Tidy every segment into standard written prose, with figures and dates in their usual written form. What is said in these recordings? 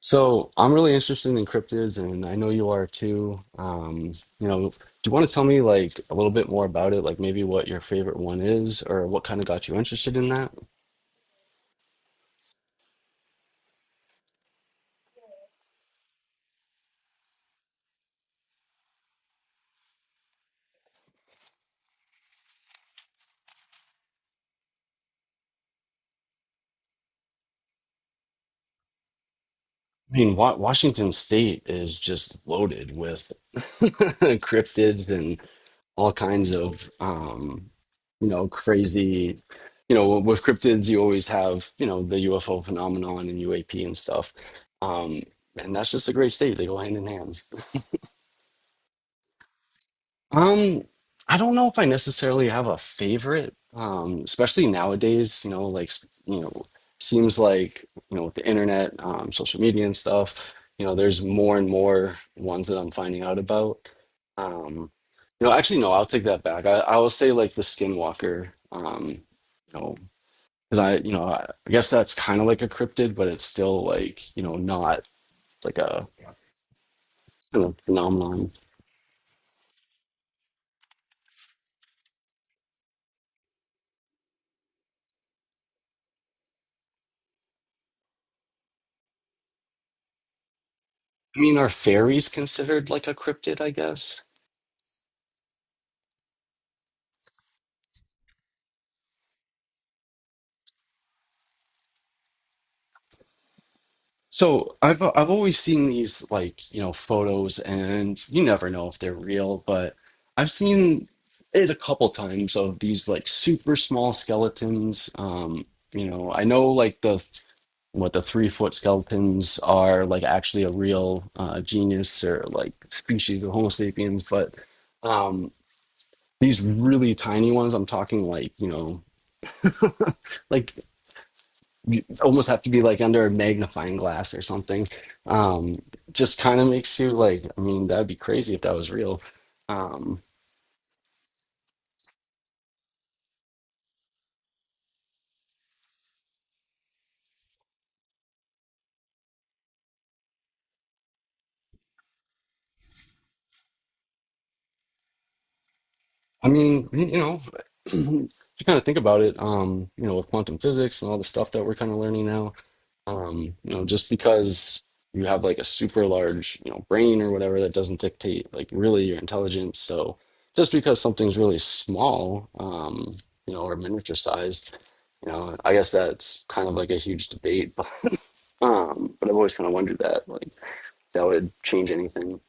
So I'm really interested in cryptids, and I know you are too. Do you want to tell me a little bit more about it? Like maybe what your favorite one is, or what kind of got you interested in that? I mean, Wa Washington State is just loaded with cryptids and all kinds of, crazy. You know, with cryptids, you always have, you know, the UFO phenomenon and UAP and stuff. Um, and that's just a great state. They go hand in hand. Um, I don't know if I necessarily have a favorite, especially nowadays, you know, like, seems like, you know, with the internet, social media and stuff, you know, there's more and more ones that I'm finding out about. Um, you know, actually, no, I'll take that back. I will say like the Skinwalker, you know, because I, you know, I guess that's kind of like a cryptid, but it's still like, you know, not like a kind of phenomenon. I mean, are fairies considered like a cryptid, I guess? So I've always seen these like, you know, photos and you never know if they're real, but I've seen it a couple times of these like super small skeletons. You know, I know like the what the 3 foot skeletons are like actually a real genus or like species of Homo sapiens, but um these really tiny ones, I'm talking like, you know, like you almost have to be like under a magnifying glass or something. Um, just kind of makes you like, I mean, that'd be crazy if that was real. Um, I mean, if you kind of think about it, you know, with quantum physics and all the stuff that we're kind of learning now, you know, just because you have like a super large, you know, brain or whatever, that doesn't dictate like really your intelligence. So just because something's really small, you know, or miniature sized, you know, I guess that's kind of like a huge debate. But I've always kind of wondered that, like, that would change anything.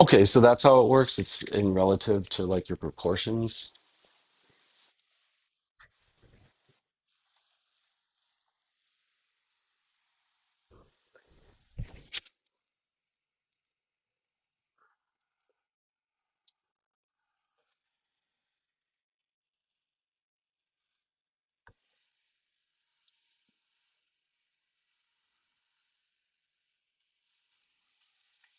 Okay, so that's how it works. It's in relative to like your proportions.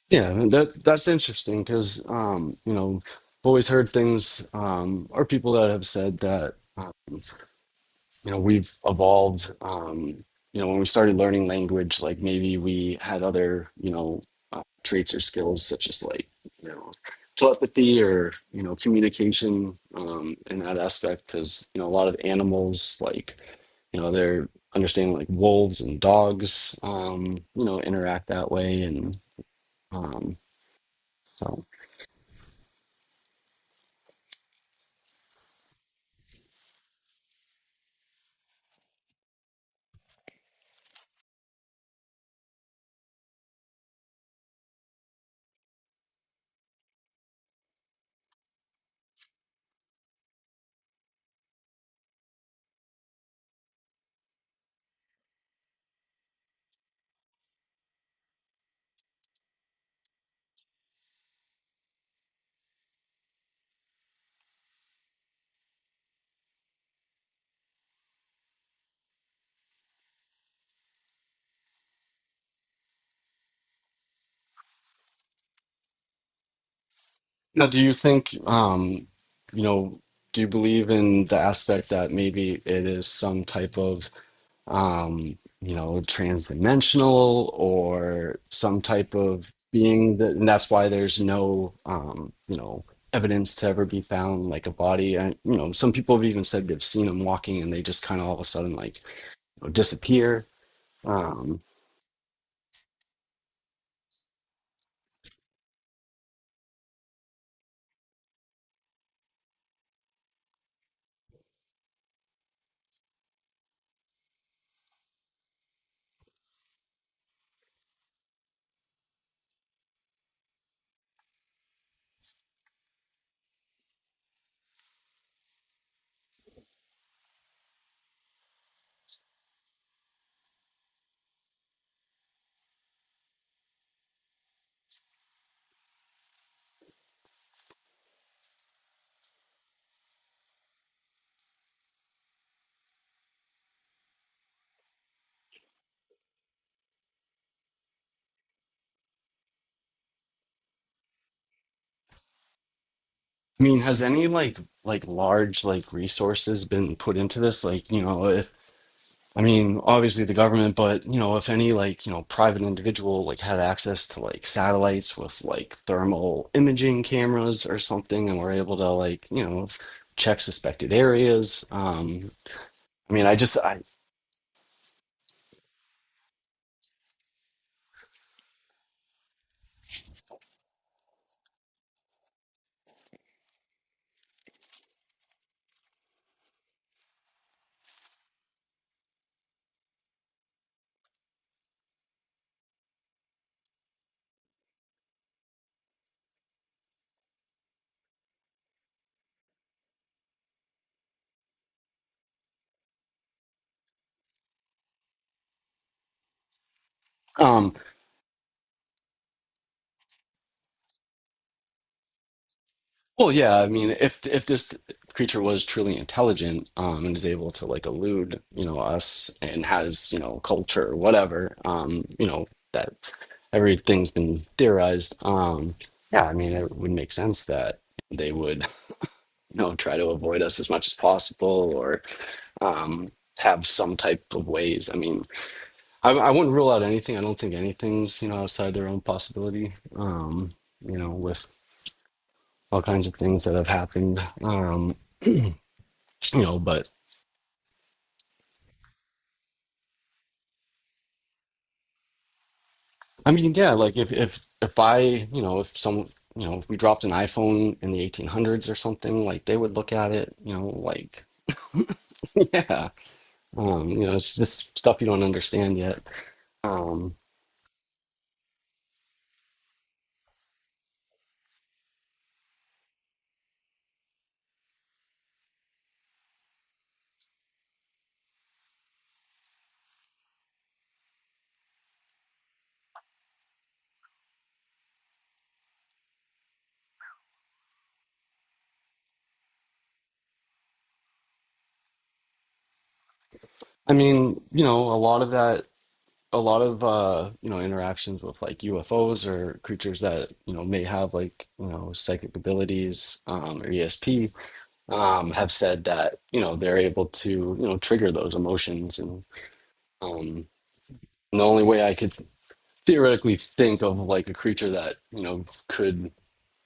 Yeah, and that's interesting because you know, I've always heard things or people that have said that you know we've evolved you know when we started learning language like maybe we had other you know traits or skills such as like you know telepathy or you know communication in that aspect because you know a lot of animals like you know they're understanding like wolves and dogs you know interact that way and um so now do you think you know do you believe in the aspect that maybe it is some type of um, you know, transdimensional or some type of being that, and that's why there's no, you know, evidence to ever be found like a body. And, you know, some people have even said they've seen them walking and they just kind of all of a sudden like you know, disappear. Um, I mean, has any like large like resources been put into this? Like, you know, if. I mean, obviously the government, but you know, if any like, you know, private individual like had access to like satellites with like thermal imaging cameras or something and were able to like, you know, check suspected areas. I mean, I just I um Well, yeah, I mean, if this creature was truly intelligent, and is able to like elude, you know, us and has, you know, culture or whatever, you know, that everything's been theorized. Yeah, I mean, it would make sense that they would, you know, try to avoid us as much as possible or um have some type of ways. I mean, I wouldn't rule out anything. I don't think anything's, you know, outside their own possibility. You know, with all kinds of things that have happened. You know but I mean yeah like if I you know if some you know if we dropped an iphone in the 1800s or something like they would look at it you know like yeah you know it's just stuff you don't understand yet um I mean you know a lot of that a lot of you know interactions with like ufos or creatures that you know may have like you know psychic abilities or esp have said that you know they're able to you know trigger those emotions and um. And the only way I could theoretically think of like a creature that, you know, could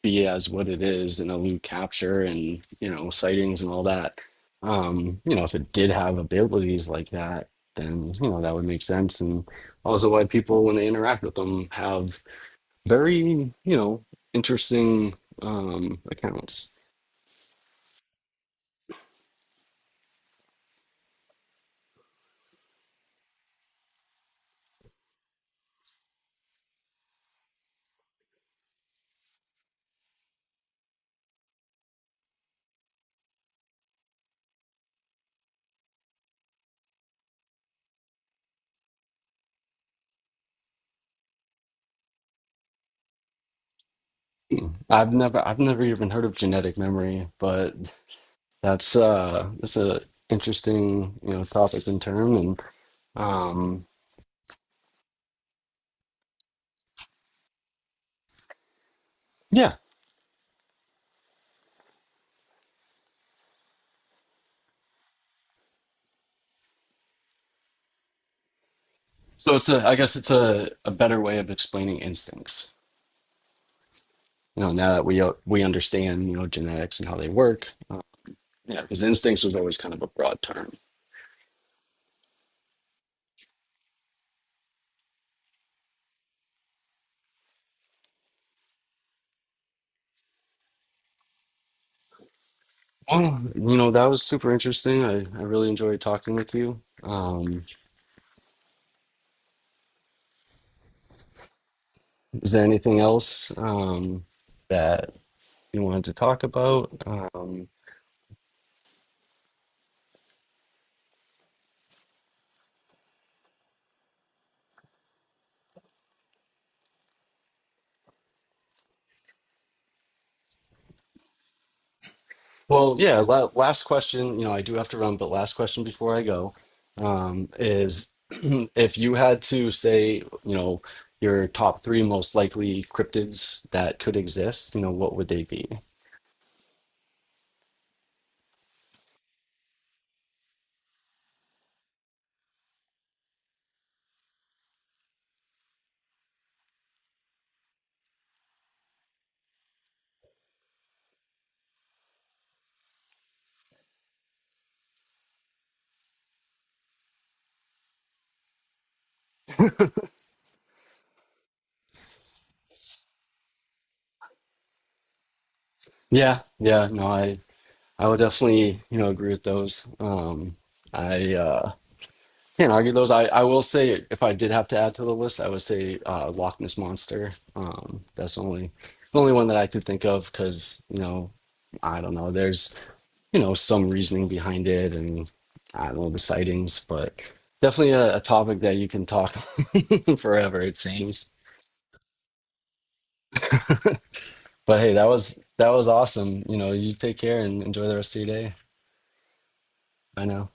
be as what it is in a loot capture and, you know, sightings and all that. You know, if it did have abilities like that, then, you know, that would make sense. And also why people, when they interact with them, have very, you know, interesting accounts. I've never even heard of genetic memory, but that's a interesting, you know, topic and term and um yeah. So it's a, I guess it's a better way of explaining instincts. You know, now that we understand, you know, genetics and how they work. Yeah, because instincts was always kind of a broad term. Well, you know, that was super interesting. I really enjoyed talking with you. Is there anything else that you wanted to talk about? Well, yeah, la last question, you know, I do have to run, but last question before I go, is if you had to say, you know, your top three most likely cryptids that could exist, you know, what would they be? Yeah, yeah, no, I would definitely, you know, agree with those. I can't argue those. I will say if I did have to add to the list, I would say Loch Ness Monster. That's the only one that I could think of because, you know, I don't know. There's you know some reasoning behind it and I don't know the sightings, but definitely a topic that you can talk forever, it seems. But hey, that was awesome. You know, you take care and enjoy the rest of your day. I know.